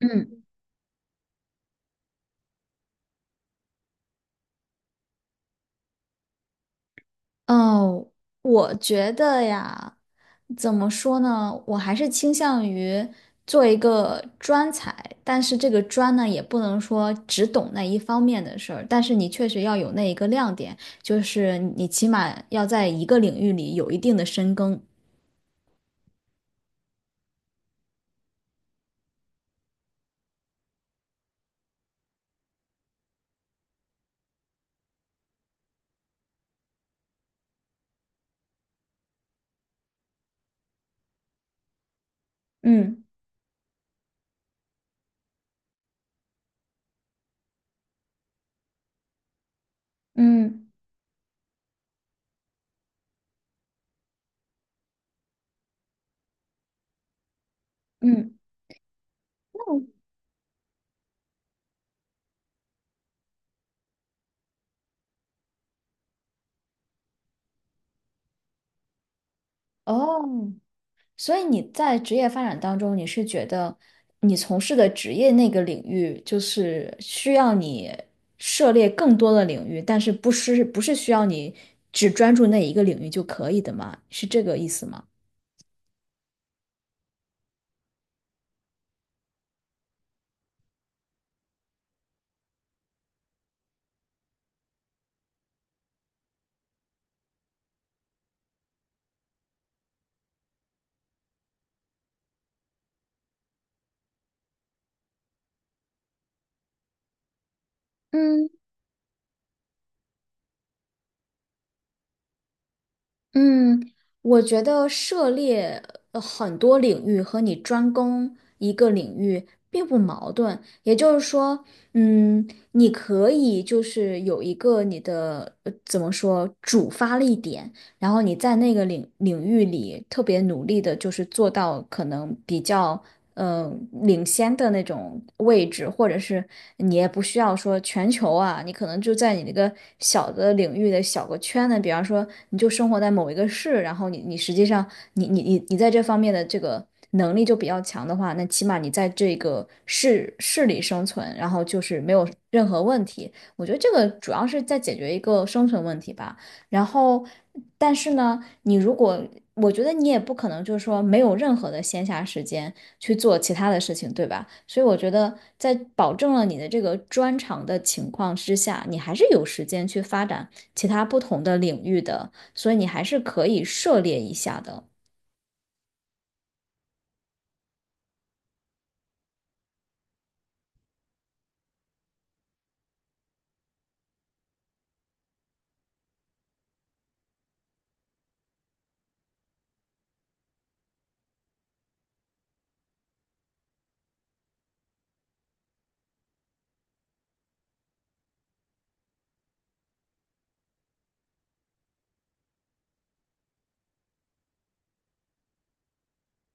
嗯，哦，我觉得呀，怎么说呢？我还是倾向于做一个专才，但是这个专呢，也不能说只懂那一方面的事儿，但是你确实要有那一个亮点，就是你起码要在一个领域里有一定的深耕。嗯嗯嗯，哦。所以你在职业发展当中，你是觉得你从事的职业那个领域，就是需要你涉猎更多的领域，但是不是需要你只专注那一个领域就可以的吗？是这个意思吗？嗯。嗯，我觉得涉猎很多领域和你专攻一个领域并不矛盾，也就是说，嗯，你可以就是有一个你的怎么说主发力点，然后你在那个领域里特别努力的，就是做到可能比较。嗯，领先的那种位置，或者是你也不需要说全球啊，你可能就在你那个小的领域的小个圈子，比方说你就生活在某一个市，然后你你实际上你在这方面的这个能力就比较强的话，那起码你在这个市里生存，然后就是没有任何问题。我觉得这个主要是在解决一个生存问题吧。然后，但是呢，你如果我觉得你也不可能就是说没有任何的闲暇时间去做其他的事情，对吧？所以我觉得在保证了你的这个专长的情况之下，你还是有时间去发展其他不同的领域的，所以你还是可以涉猎一下的。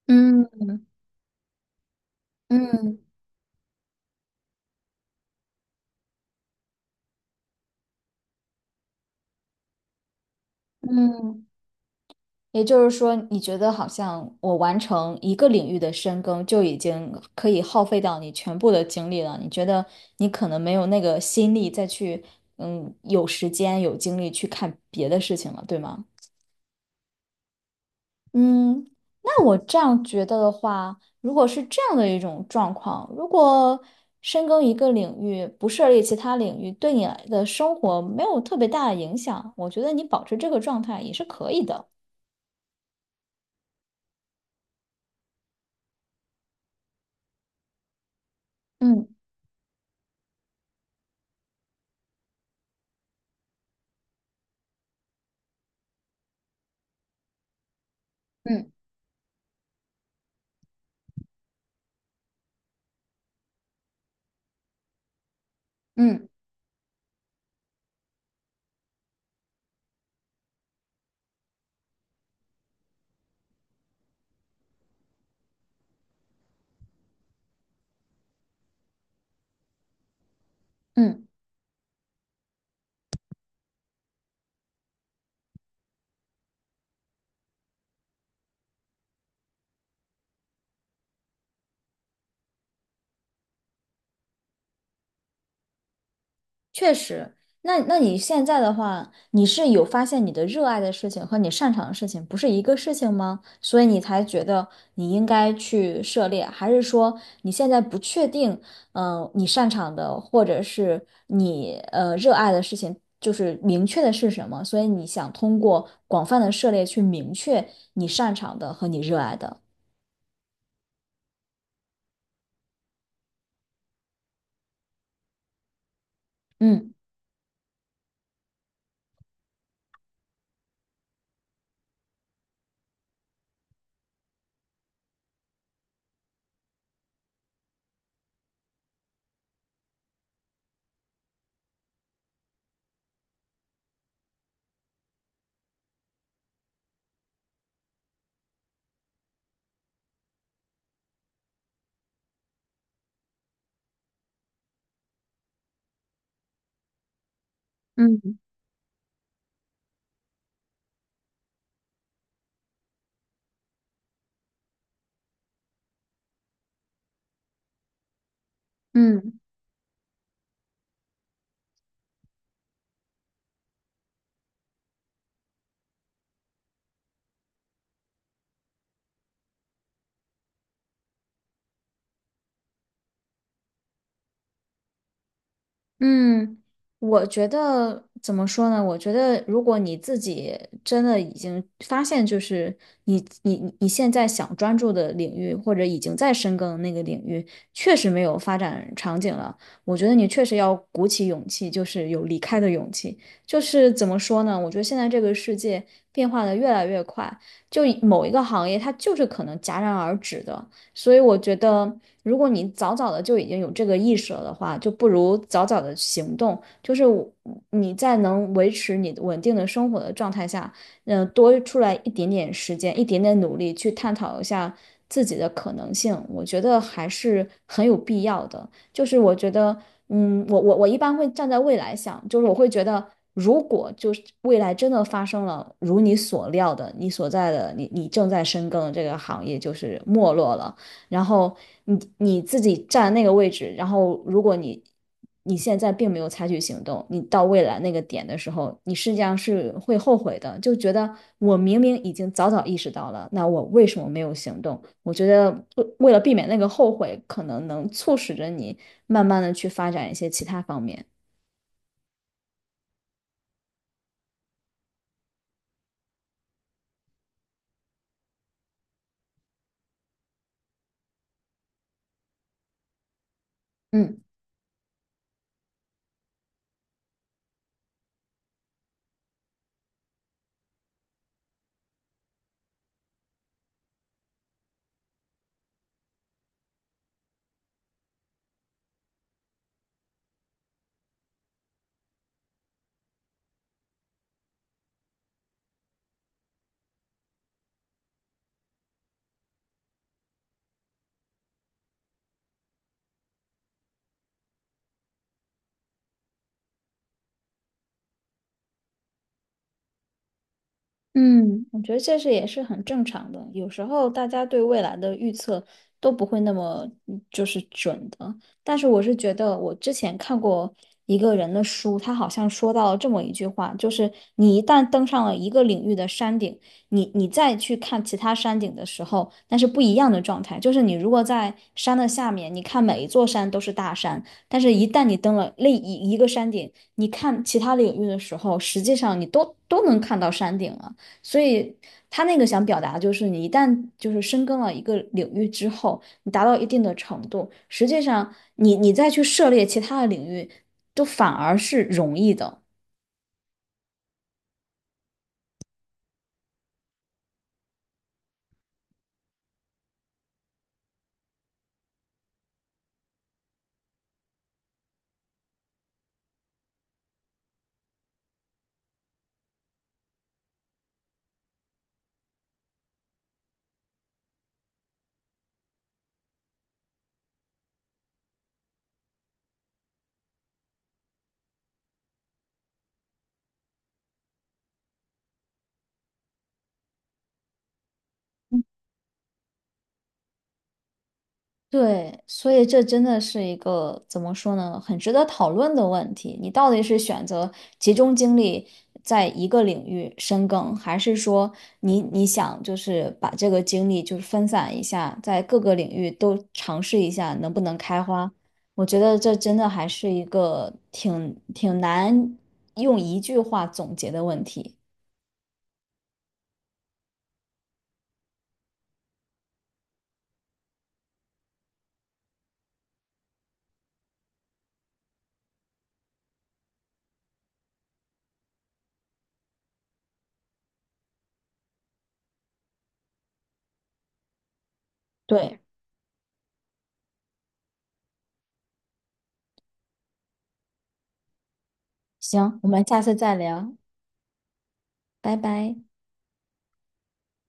嗯嗯嗯。也就是说，你觉得好像我完成一个领域的深耕，就已经可以耗费掉你全部的精力了。你觉得你可能没有那个心力再去，有时间有精力去看别的事情了，对吗？嗯，那我这样觉得的话，如果是这样的一种状况，如果深耕一个领域，不涉猎其他领域，对你的生活没有特别大的影响，我觉得你保持这个状态也是可以的。嗯嗯嗯嗯。确实，那你现在的话，你是有发现你的热爱的事情和你擅长的事情不是一个事情吗？所以你才觉得你应该去涉猎，还是说你现在不确定，你擅长的或者是你热爱的事情就是明确的是什么？所以你想通过广泛的涉猎去明确你擅长的和你热爱的。嗯。嗯嗯。嗯，我觉得怎么说呢？我觉得如果你自己真的已经发现，就是你现在想专注的领域，或者已经在深耕的那个领域，确实没有发展场景了，我觉得你确实要鼓起勇气，就是有离开的勇气。就是怎么说呢？我觉得现在这个世界变化的越来越快，就某一个行业它就是可能戛然而止的，所以我觉得。如果你早早的就已经有这个意识了的话，就不如早早的行动。就是你在能维持你稳定的生活的状态下，多出来一点点时间，一点点努力去探讨一下自己的可能性，我觉得还是很有必要的。就是我觉得，我一般会站在未来想，就是我会觉得。如果就是未来真的发生了如你所料的，你所在的你你正在深耕的这个行业就是没落了，然后你自己站那个位置，然后如果你现在并没有采取行动，你到未来那个点的时候，你实际上是会后悔的，就觉得我明明已经早早意识到了，那我为什么没有行动？我觉得为了避免那个后悔，可能能促使着你慢慢的去发展一些其他方面。嗯。嗯，我觉得这是也是很正常的。有时候大家对未来的预测都不会那么就是准的。但是我是觉得，我之前看过一个人的书，他好像说到了这么一句话，就是你一旦登上了一个领域的山顶，你再去看其他山顶的时候，那是不一样的状态。就是你如果在山的下面，你看每一座山都是大山，但是一旦你登了另一个山顶，你看其他领域的时候，实际上你都能看到山顶了。所以他那个想表达的就是，你一旦就是深耕了一个领域之后，你达到一定的程度，实际上你再去涉猎其他的领域，都反而是容易的。对，所以这真的是一个怎么说呢，很值得讨论的问题。你到底是选择集中精力在一个领域深耕，还是说你你想就是把这个精力就是分散一下，在各个领域都尝试一下能不能开花？我觉得这真的还是一个挺难用一句话总结的问题。对，行，我们下次再聊，拜拜。